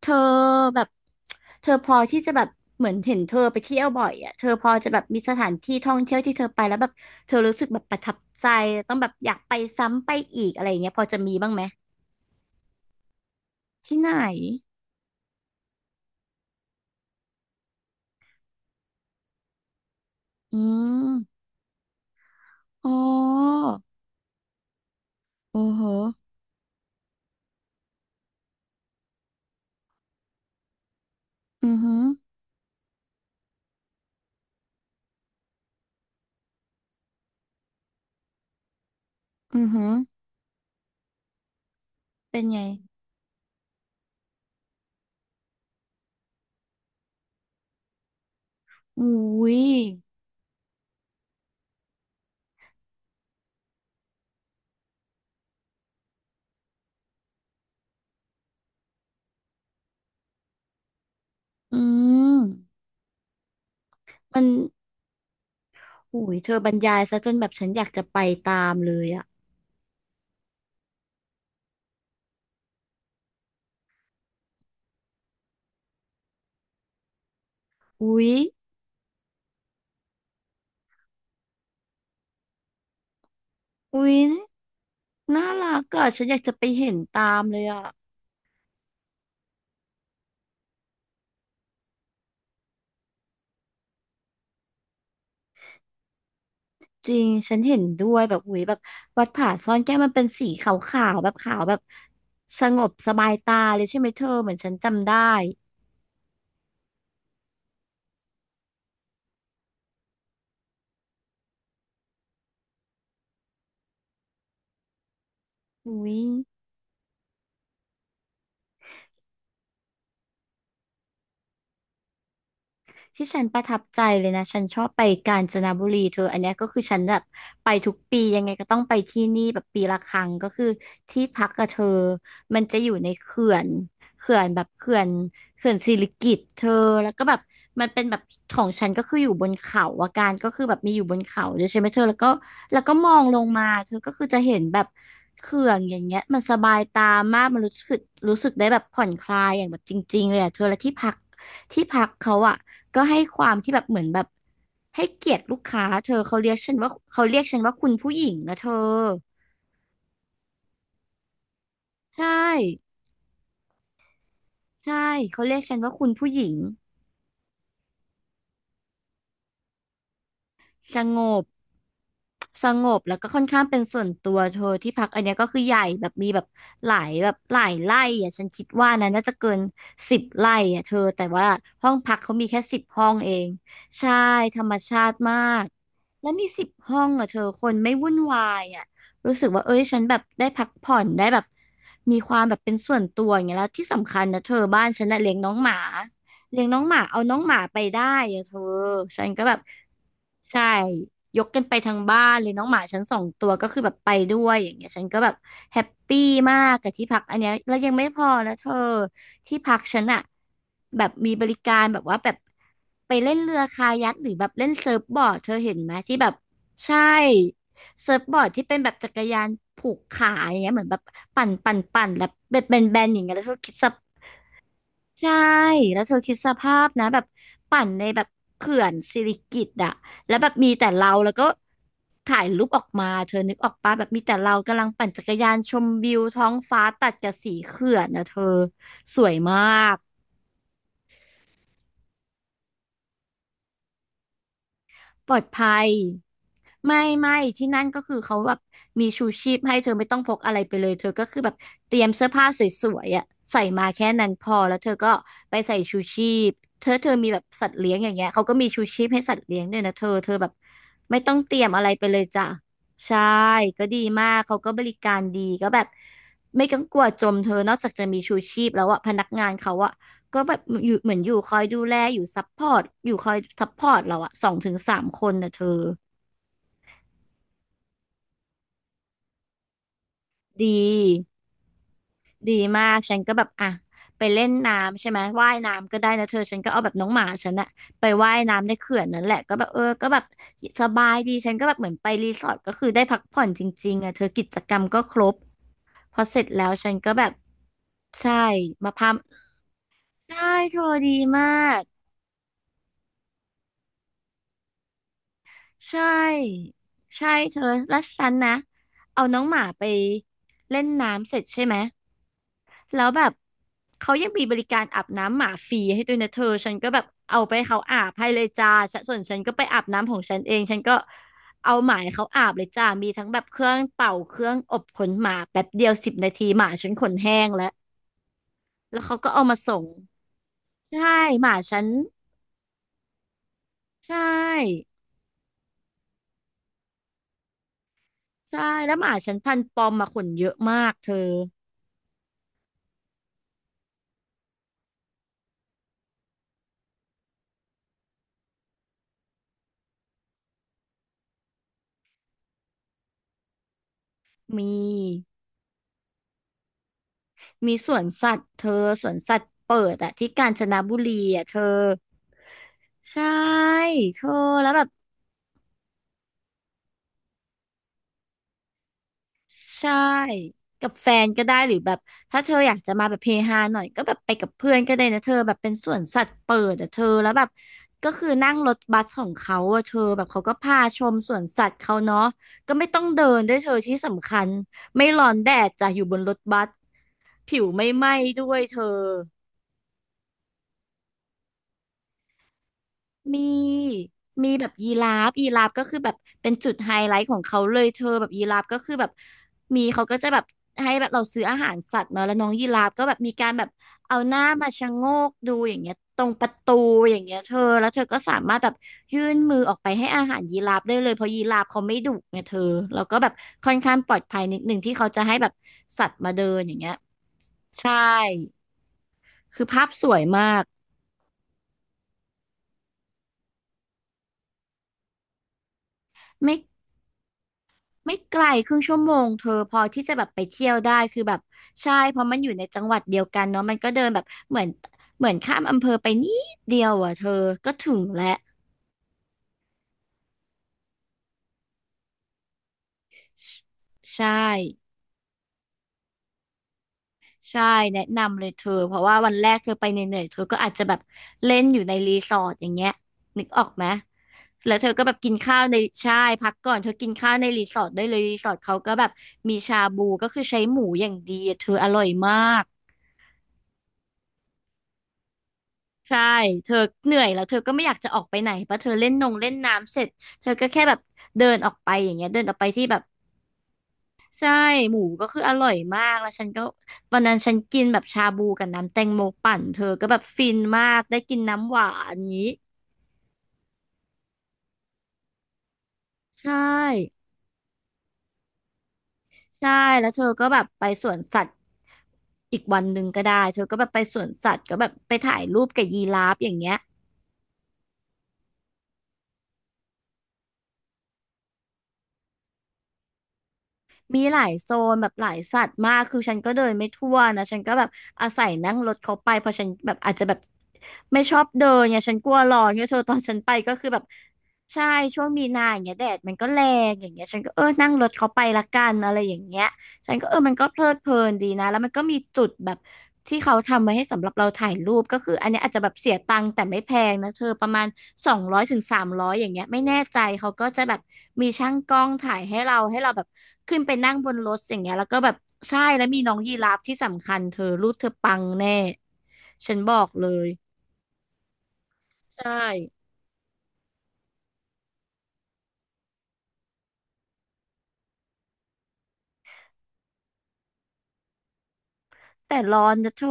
เธอแบบเธอพอที่จะแบบเหมือนเห็นเธอไปเที่ยวบ่อยอ่ะเธอพอจะแบบมีสถานที่ท่องเที่ยวที่เธอไปแล้วแบบเธอรู้สึกแบบประทับใจต้องแบบอยากไปซ้ำไปอีกอะไรอย่างเงี้ยพอจะมีบ้างไหมที่ไหนอืมอ๋อโอ้โหอือหืออือหือเป็นไงอุ้ยอืมมันอุ้ยเธอบรรยายซะจนแบบฉันอยากจะไปตามเลยอ่ะอุ้ยอุ้ยน่ารักอ่ะฉันอยากจะไปเห็นตามเลยอ่ะ จริงฉันเห็นด้วยแบบอุ๊ยแบบวัดผาซ่อนแก้วมันเป็นสีขาวๆแบบขาวแบบสงบสบายตาเลยใช่ไหมเธอเหมือนฉันจำได้อุ้ยที่ฉันประทับใจเลยนะฉันชอบไปกาญจนบุรีเธออันเนี้ยก็คือฉันแบบไปทุกปียังไงก็ต้องไปที่นี่แบบปีละครั้งก็คือที่พักกับเธอมันจะอยู่ในเขื่อน เขื่อนแบบเขื่อนเขื่อนสิริกิติ์เธอแล้วก็แบบมันเป็นแบบของฉันก็คืออยู่บนเขาอาการก็คือแบบมีอยู่บนเขาด้วยใช่ไหมเธอแล้วก็มองลงมาเธอก็คือจะเห็นแบบเขื่อนอย่างเงี้ยมันสบายตามากมันรู้สึกได้แบบผ่อนคลายอย่างแบบจริงๆเลยอะเธอและที่พักที่พักเขาอะก็ให้ความที่แบบเหมือนแบบให้เกียรติลูกค้าเธอเขาเรียกฉันว่าเขาเรียกฉันว่าคุณผู้หญิงนะเธอใช่ใช่เขาเรียกฉันว่าคุณผู้หญิง สงบสงบแล้วก็ค่อนข้างเป็นส่วนตัวเธอที่พักอันเนี้ยก็คือใหญ่แบบมีแบบหลายแบบหลายไร่อ่ะฉันคิดว่านะน่าจะเกิน10 ไร่อ่ะเธอแต่ว่าห้องพักเขามีแค่สิบห้องเองใช่ธรรมชาติมากแล้วมีสิบห้องอ่ะเธอคนไม่วุ่นวายอ่ะรู้สึกว่าเอ้ยฉันแบบได้พักผ่อนได้แบบมีความแบบเป็นส่วนตัวอย่างเงี้ยแล้วที่สำคัญนะเธอบ้านฉันน่ะเลี้ยงน้องหมา เลี้ยงน้องหมาเอาน้องหมาไปได้อะเธอฉันก็แบบใช่ยกกันไปทั้งบ้านเลยน้องหมาฉันสองตัวก็คือแบบไปด้วยอย่างเงี้ยฉันก็แบบแฮปปี้มากกับที่พักอันเนี้ยแล้วยังไม่พอนะเธอที่พักฉันอะแบบมีบริการแบบว่าแบบไปเล่นเรือคายัคหรือแบบเล่นเซิร์ฟบอร์ดเธอเห็นไหมที่แบบใช่เซิร์ฟบอร์ดที่เป็นแบบจักรยานผูกขาอย่างเงี้ยเหมือนแบบปั่นปั่นปั่นแล้วเบ็ดแบนๆอย่างเงี้ยแล้วก็คิดส ใช่ แล้วเธอคิดสภาพนะแบบปั่นในแบบเขื่อนสิริกิติ์อะแล้วแบบมีแต่เราแล้วก็ถ่ายรูปออกมาเธอนึกออกปะแบบมีแต่เรากำลังปั่นจักรยานชมวิวท้องฟ้าตัดกับสีเขื่อนนะเธอสวยมาก ปลอดภัยไม่ที่นั่นก็คือเขาแบบมีชูชีพให้เธอไม่ต้องพกอะไรไปเลยเธอก็คือแบบเตรียมเสื้อผ้าสวยๆอ่ะใส่มาแค่นั้นพอแล้วเธอก็ไปใส่ชูชีพเธอเธอมีแบบสัตว์เลี้ยงอย่างเงี้ยเขาก็มีชูชีพให้สัตว์เลี้ยงด้วยนะเธอเธอแบบไม่ต้องเตรียมอะไรไปเลยจ้ะใช่ก็ดีมากเขาก็บริการดีก็แบบไม่กังวลจมเธอนอกจากจะมีชูชีพแล้วอะพนักงานเขาอะ ก็แบบอยู่เหมือนอยู่คอยดูแลอยู่ซัพพอร์ตอยู่คอยซัพพอร์ตเราอะสองถึงสามคนนะเธอดีดีมากฉันก็แบบอ่ะไปเล่นน้ำใช่ไหมว่ายน้ำก็ได้นะเธอฉันก็เอาแบบน้องหมาฉันอะไปว่ายน้ำในเขื่อนนั่นแหละก็แบบเออก็แบบสบายดีฉันก็แบบเหมือนไปรีสอร์ทก็คือได้พักผ่อนจริงๆอะเธอกิจกรรมก็ครบพอเสร็จแล้วฉันก็แบบใช่มาพามใช่เธอดีมาก ใช่ใช่เธอแล้วฉันนะ เอาน้องหมาไปเล่นน้ำเสร็จใช่ไหม แล้วแบบเขายังมีบริการอาบน้ำหมาฟรีให้ด้วยนะเธอ ฉันก็แบบเอาไปให้เขาอาบให้เลยจ้าฉันส่วนฉันก็ไปอาบน้ำของฉันเองฉันก็เอาหมาให้เขาอาบเลยจ้ามีทั้งแบบเครื่องเป่าเครื่องอบขนหมาแป๊บเดียว10 นาทีหมาฉันขนแห้งแล้ว แล้วเขาก็เอามาส่ง ใช่หมาฉันใช่ใช่แล้วหมาฉันพันธุ์ปอมมาขนเยอะมากเธอมี มีสวนสัตว์เธอสวนสัตว์เปิดอะที่กาญจนบุรีอะเธอใช่เธอแล้วแบบใช่กับแฟนก็ได้หรือแบบถ้าเธออยากจะมาแบบเฮฮาหน่อยก็แบบไปกับเพื่อนก็ได้นะเธอแบบเป็นสวนสัตว์เปิดอะเธอแล้วแบบก็คือนั่งรถบัสของเขาอะเธอแบบเขาก็พาชมสวนสัตว์เขาเนาะก็ไม่ต้องเดินด้วยเธอที่สำคัญไม่ร้อนแดดจ้ะอยู่บนรถบัสผิวไม่ไหม้ด้วยเธอ มี มีแบบยีราฟยีราฟก็คือแบบเป็นจุดไฮไลท์ของเขาเลยเธอแบบยีราฟก็คือแบบมีเขาก็จะแบบให้แบบเราซื้ออาหารสัตว์เนอะแล้วน้องยีราฟก็แบบมีการแบบเอาหน้ามาชะโงกดูอย่างเงี้ยตรงประตูอย่างเงี้ยเธอแล้วเธอก็สามารถแบบยื่นมือออกไปให้อาหารยีราฟได้เลยเพราะยีราฟเขาไม่ดุไงเธอแล้วก็แบบค่อนข้างปลอดภัยนิดหนึ่งที่เขาจะให้แบบสัตว์มาเดินอย่างเงี้ยใช่คือภาพสวยมากไม่ ไม่ไกล1/2 ชั่วโมงเธอพอที่จะแบบไปเที่ยวได้คือแบบใช่เพราะมันอยู่ในจังหวัดเดียวกันเนาะมันก็เดินแบบเหมือนเหมือนข้ามอำเภอไปนิดเดียวอ่ะเธอ ก็ถึงแล้วใช่ใช่แนะนำเลยเธอเพราะว่าวันแรกเธอไปเหนื่อยๆเธอก็อาจจะแบบเล่นอยู่ในรีสอร์ทอย่างเงี้ยนึกออกไหมแล้วเธอก็แบบกินข้าวในใช่พักก่อนเธอกินข้าวในรีสอร์ทได้เลยรีสอร์ทเขาก็แบบมีชาบูก็คือใช้หมูอย่างดีอะเธออร่อยมาก ใช่เธอเหนื่อยแล้วเธอก็ไม่อยากจะออกไปไหนเพราะเธอเล่นนงเล่นน้ำเสร็จเธอก็แค่แบบเดินออกไปอย่างเงี้ยเดินออกไปที่แบบใช่หมูก็คืออร่อยมากแล้วฉันก็วันนั้นฉันกินแบบชาบูกับน้ำแตงโมปั่นเธอก็แบบฟินมากได้กินน้ำหวานอย่างงี้ใช่ใช่แล้วเธอก็แบบไปสวนสัตว์อีกวันหนึ่งก็ได้เธอก็แบบไปสวนสัตว์ก็แบบไปถ่ายรูปกับยีราฟอย่างเงี้ย มีหลายโซนแบบหลายสัตว์มากคือฉันก็เดินไม่ทั่วนะฉันก็แบบอาศัยนั่งรถเขาไปเพราะฉันแบบอาจจะแบบไม่ชอบเดินเนี่ยฉันกลัวร้อนเนี่ยเธอตอนฉันไปก็คือแบบใช่ช่วงมีนาอย่างเงี้ยแดดมันก็แรงอย่างเงี้ยฉันก็เออนั่งรถเขาไปละกันอะไรอย่างเงี้ย ฉันก็เออมันก็เพลิดเพลินดีนะแล้วมันก็มีจุดแบบที่เขาทำไว้ให้สำหรับเราถ่ายรูปก็คืออันเนี้ยอาจจะแบบเสียตังค์แต่ไม่แพงนะเธอประมาณ200 ถึง 300อย่างเงี้ยไม่แน่ใจเขาก็จะแบบมีช่างกล้องถ่ายให้เราให้เราแบบขึ้นไปนั่งบนรถอย่างเงี้ยแล้วก็แบบใช่แล้วมีน้องยีราฟที่สำคัญเธอรูปเธอปังแน่ฉันบอกเลยใช่แต่ร้อนนะเธอ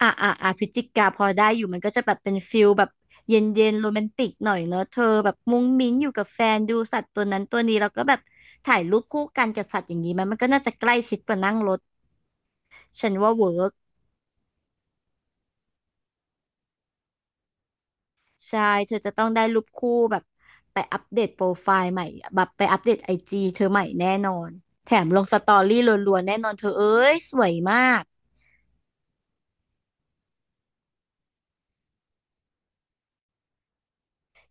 อ่ะพฤศจิกาพอได้อยู่มันก็จะแบบเป็นฟิลแบบเย็นเย็นโรแมนติกหน่อยเนอะเธอแบบมุ้งมิ้งอยู่กับแฟนดูสัตว์ตัวนั้นตัวนี้แล้วก็แบบถ่ายรูปคู่กันกับสัตว์อย่างนี้มันก็น่าจะใกล้ชิดกว่านั่งรถฉันว่าเวิร์กใช่เธอจะต้องได้รูปคู่แบบไปอัปเดตโปรไฟล์ใหม่แบบไปอัปเดตIGเธอใหม่แน่นอนแถมลงสตอรี่รัวๆแน่นอนเธอเอ้ยสวยมาก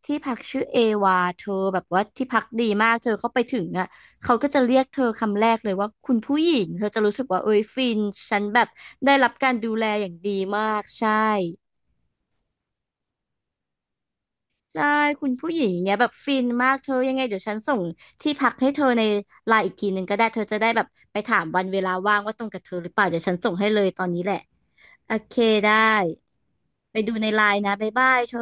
ที่พักชื่อเอวาเธอแบบว่าที่พักดีมากเธอเข้าไปถึงอ่ะเขาก็จะเรียกเธอคำแรกเลยว่าคุณผู้หญิงเธอจะรู้สึกว่าเอ้ยฟินฉันแบบได้รับการดูแลอย่างดีมากใช่ใช่คุณผู้หญิงเงี้ยแบบฟินมากเธอยังไงเดี๋ยวฉันส่งที่พักให้เธอในไลน์อีกทีหนึ่งก็ได้เธอจะได้แบบไปถามวันเวลาว่างว่าตรงกับเธอหรือเปล่าเดี๋ยวฉันส่งให้เลยตอนนี้แหละโอเคได้ไปดูในไลน์นะบ๊ายบายเธอ